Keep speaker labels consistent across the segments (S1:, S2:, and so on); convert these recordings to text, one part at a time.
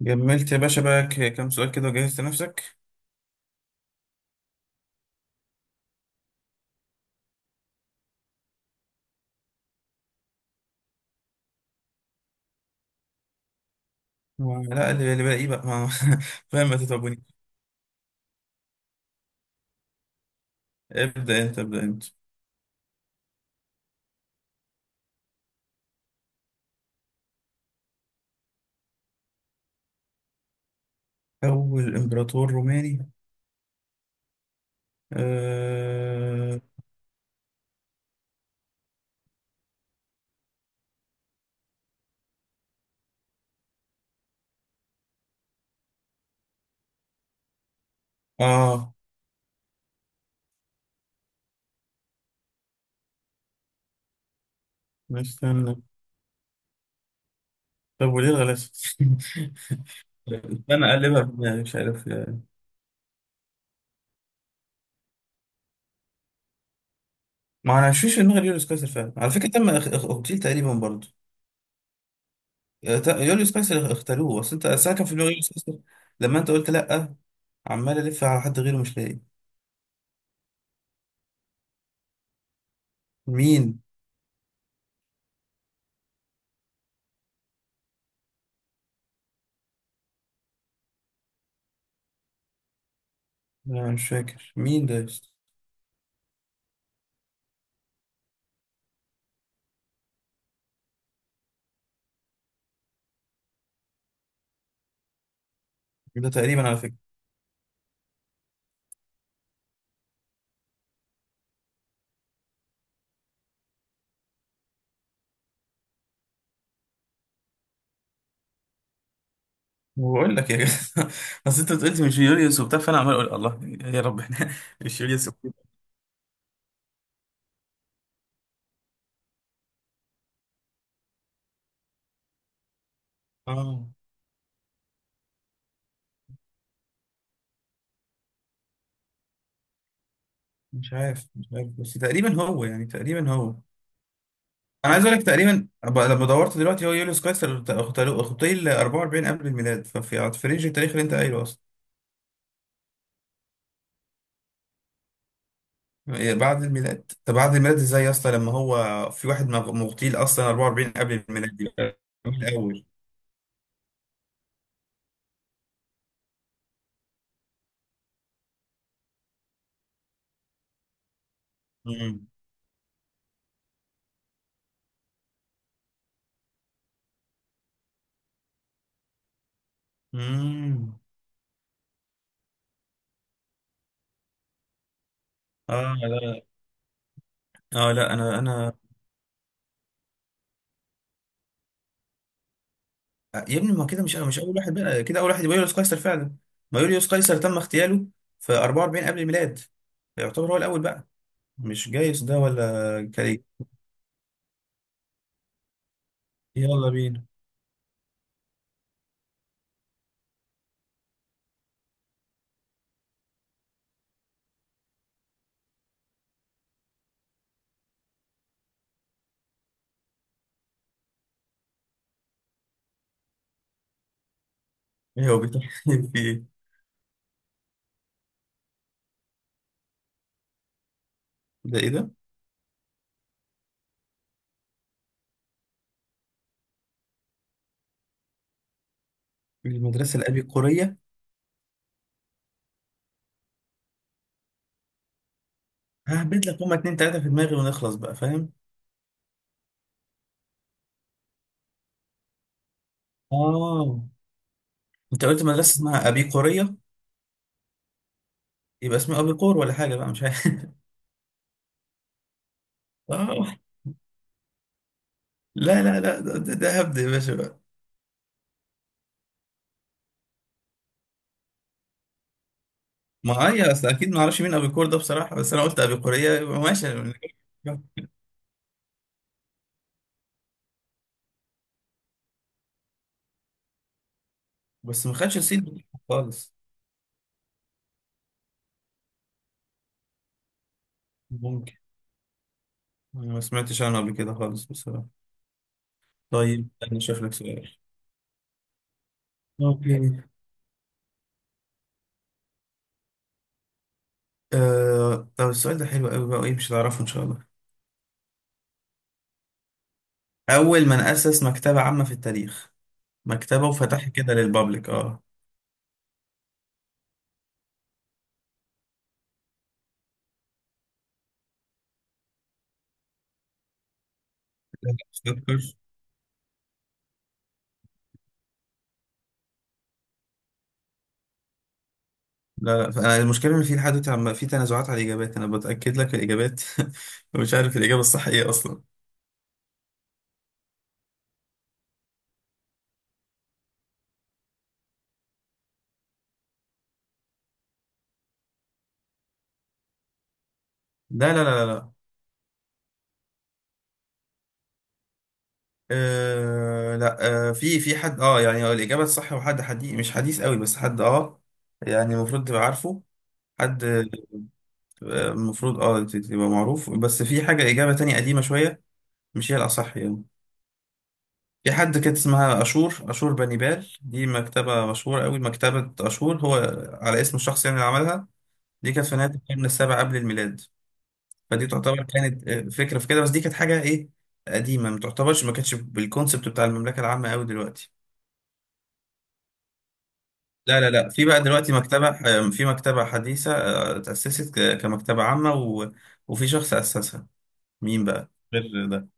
S1: جملت يا باشا بقى كام سؤال كده وجهزت نفسك. لا اللي باقي بقى ما فاهم، ما تتعبوني. ابدأ انت ابدأ انت. أول إمبراطور روماني، آه. آه. استنى، طب وليه الغلاسة؟ استنى أقلبها في دماغي، مش عارف. ما أنا مش فيش في دماغي يوليوس قيصر فعلا على فكرة، تم اغتيل تقريبا برضه. يوليوس قيصر اختاروه، بس أنت أصل أنا كان في دماغي يوليوس قيصر لما أنت قلت لأ، عمال ألف على حد غيره مش لاقي. مين؟ أنا مش فاكر مين ده يا اسطى؟ ده تقريبا على فكرة. بقول لك يا جدع اصل انت قلت مش يوليوس وبتاع، فانا عمال اقول الله يا رب احنا مش يوليوس وكده. اه مش عارف، مش عارف، بس تقريبا هو يعني تقريبا هو. انا عايز اقول لك تقريبا، لما دورت دلوقتي هو يوليوس قيصر، اخطيه ال 44 قبل الميلاد، ففي رينج التاريخ اللي انت قايله اصلا. يعني بعد الميلاد، طب بعد الميلاد ازاي يا اسطى لما هو في واحد مغتيل اصلا 44 قبل الميلاد دي. من الاول. امم. امم. اه لا، اه لا، انا يا ابني، ما كده مش انا مش اول واحد، بقى كده اول واحد يبقى يوليوس قيصر فعلا. ما يوليوس قيصر تم اغتياله في 44 قبل الميلاد، يعتبر هو الاول بقى، مش جايوس ده ولا كاري. يلا بينا. ايه هو بيتكلم في ايه؟ ده ايه ده؟ المدرسه الابي قوريه؟ ههبد لك، هما اتنين تلاته في دماغي ونخلص بقى، فاهم؟ اه. انت قلت مدرسه اسمها ابي قوريه، يبقى اسمها ابي قور ولا حاجه بقى، مش عارف. اه لا لا لا، ده هبد يا باشا. ما هي اصل اكيد ما اعرفش مين ابيكور ده بصراحه، بس انا قلت ابيقوريه يبقى ماشي. بس ما خدش الصيت بتاعها خالص. ممكن. أنا ما سمعتش عنه قبل كده خالص بصراحه. طيب انا شايف لك سؤال. اوكي. طب السؤال ده حلو قوي بقى، وايه مش هتعرفه ان شاء الله. اول من اسس مكتبه عامه في التاريخ، مكتبه وفتحها كده للبابليك. اه. لا، لا أفكر. لا لا، فأنا المشكله ان في لحد دلوقتي في تنازعات على الاجابات، انا بتاكد لك الاجابات ومش عارف الاجابه الصح ايه اصلا. لا لا لا لا. لا، في حد اه، يعني هو الإجابة الصح هو حد حديث، مش حديث قوي بس حد اه، يعني المفروض تبقى عارفه. حد المفروض تبقى معروف، بس في حاجة إجابة تانية قديمة شوية، مش هي الأصح يعني. في حد كانت اسمها أشور، أشور بني. دي مكتبة مشهورة قوي، مكتبة أشور، هو على اسم الشخص يعني اللي عملها. دي كانت في نهاية القرن السابع قبل الميلاد، فدي تعتبر كانت فكرة في كده، بس دي كانت حاجة إيه، قديمة، ما تعتبرش، ما كانتش بالكونسبت بتاع المملكة العامة قوي دلوقتي. لا لا لا، في بقى دلوقتي مكتبة في مكتبة حديثة اتأسست كمكتبة عامة، و... وفي شخص أسسها، مين بقى غير ده؟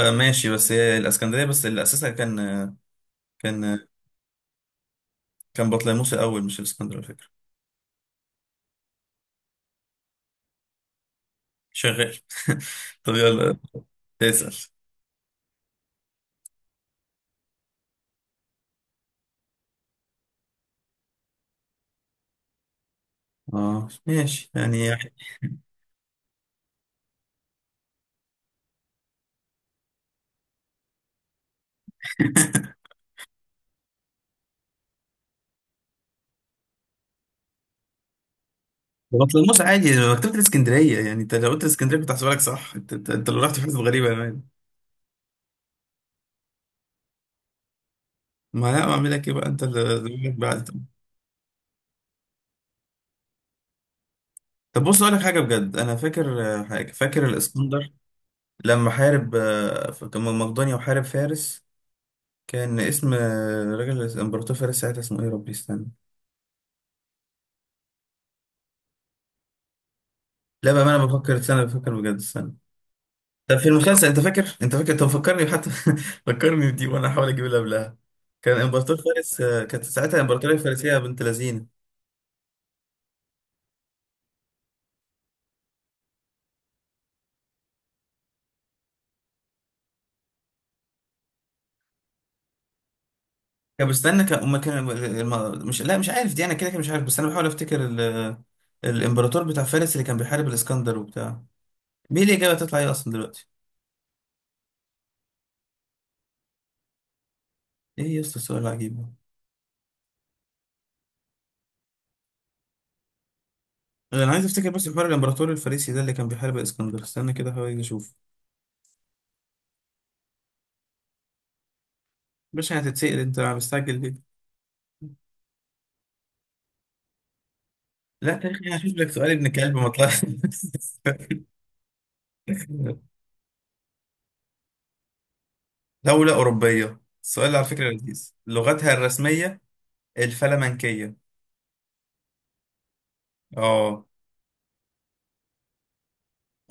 S1: ماشي، بس هي الإسكندرية، بس اللي أسسها كان كان كان بطليموس الأول مش الإسكندر على فكرة. شغال. طب يلا تسأل. اه ماشي يعني. بطليموس عادي مكتبة الإسكندرية، يعني أنت لو قلت الإسكندرية كنت هحسبها لك صح، أنت اللي رحت في حتة غريبة يا مان. ما لا أعمل لك إيه بقى، أنت اللي دماغك بعد. طب بص اقول لك حاجه بجد، انا فاكر حاجه، فاكر الاسكندر لما حارب كان من مقدونيا وحارب فارس. كان اسم راجل الامبراطور فارس ساعتها اسمه ايه، يا ربي استنى. لا بقى، ما انا بفكر، استنى بفكر بجد، استنى. طب في المسلسل انت فاكر، انت فاكر، طب فكرني حتى. فكرني بدي وانا احاول اجيب اللي قبلها. كان امبراطور فارس كانت ساعتها الامبراطوريه الفارسيه بنت لذينه. كان بستنى كان أما كان. مش، لا مش عارف دي، انا كده كده مش عارف، بس انا بحاول افتكر ال- الامبراطور بتاع فارس اللي كان بيحارب الاسكندر وبتاع. مين الإجابة هتطلع إيه أصلا دلوقتي؟ إيه يا أسطى السؤال العجيب ده؟ أنا عايز أفتكر بس حوار الإمبراطور الفارسي ده اللي كان بيحارب الإسكندر، استنى كده حاول أشوف. باشا هتتسأل أنت، أنا مستعجل ليه؟ لا تاريخ، أنا هشوف لك سؤال ابن كلب ما طلعش. دولة أوروبية، السؤال على فكرة لذيذ، لغتها الرسمية الفلمنكية. آه.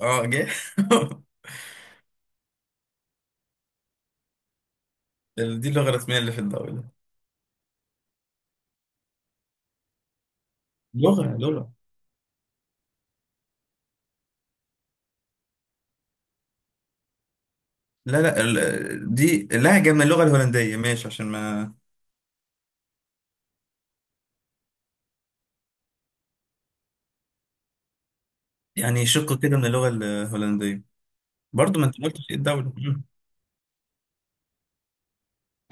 S1: آه جه. دي اللغة الرسمية اللي في الدولة. لغة لغة. لا لا، دي لهجة من اللغة الهولندية، ماشي؟ عشان ما، يعني شق كده من اللغة الهولندية. برضه ما انت قلتش ايه الدولة. مم.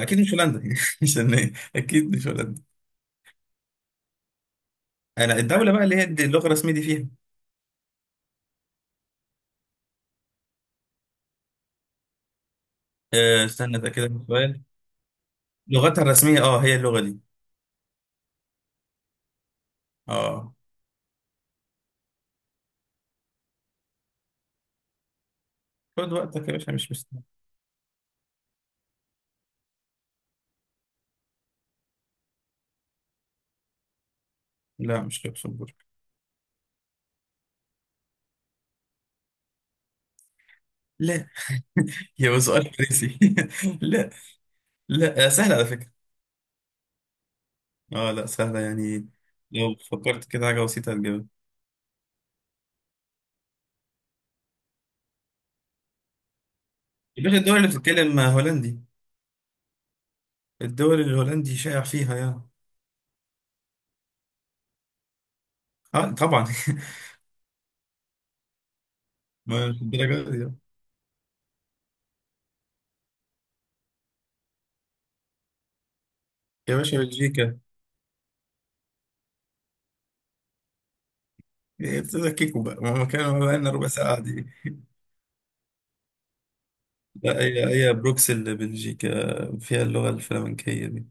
S1: اكيد مش هولندا يعني. عشان ايه اكيد مش هولندا؟ انا الدولة بقى اللي هي دي اللغة الرسمية دي فيها. استنى اتاكد من السؤال. لغتها الرسمية اه هي اللغة دي. اه. خد وقتك يا باشا، مش مستني. لا، مش لوكسمبورغ. لا، يا هو سؤال فرنسي. لا لا، سهلة على فكرة. اه لا، سهلة يعني. لو فكرت كده حاجة بسيطة هتجيبها. يا باشا الدول اللي بتتكلم هولندي، الدول اللي الهولندي شائع فيها يعني. اه طبعا. ما مش الدرجة دي. يا باشا، بلجيكا. هي بتبقى كيكو بقى، ما كان بقى لنا ربع ساعة دي. لا، هي بروكسل، بلجيكا فيها اللغة الفلامنكية دي.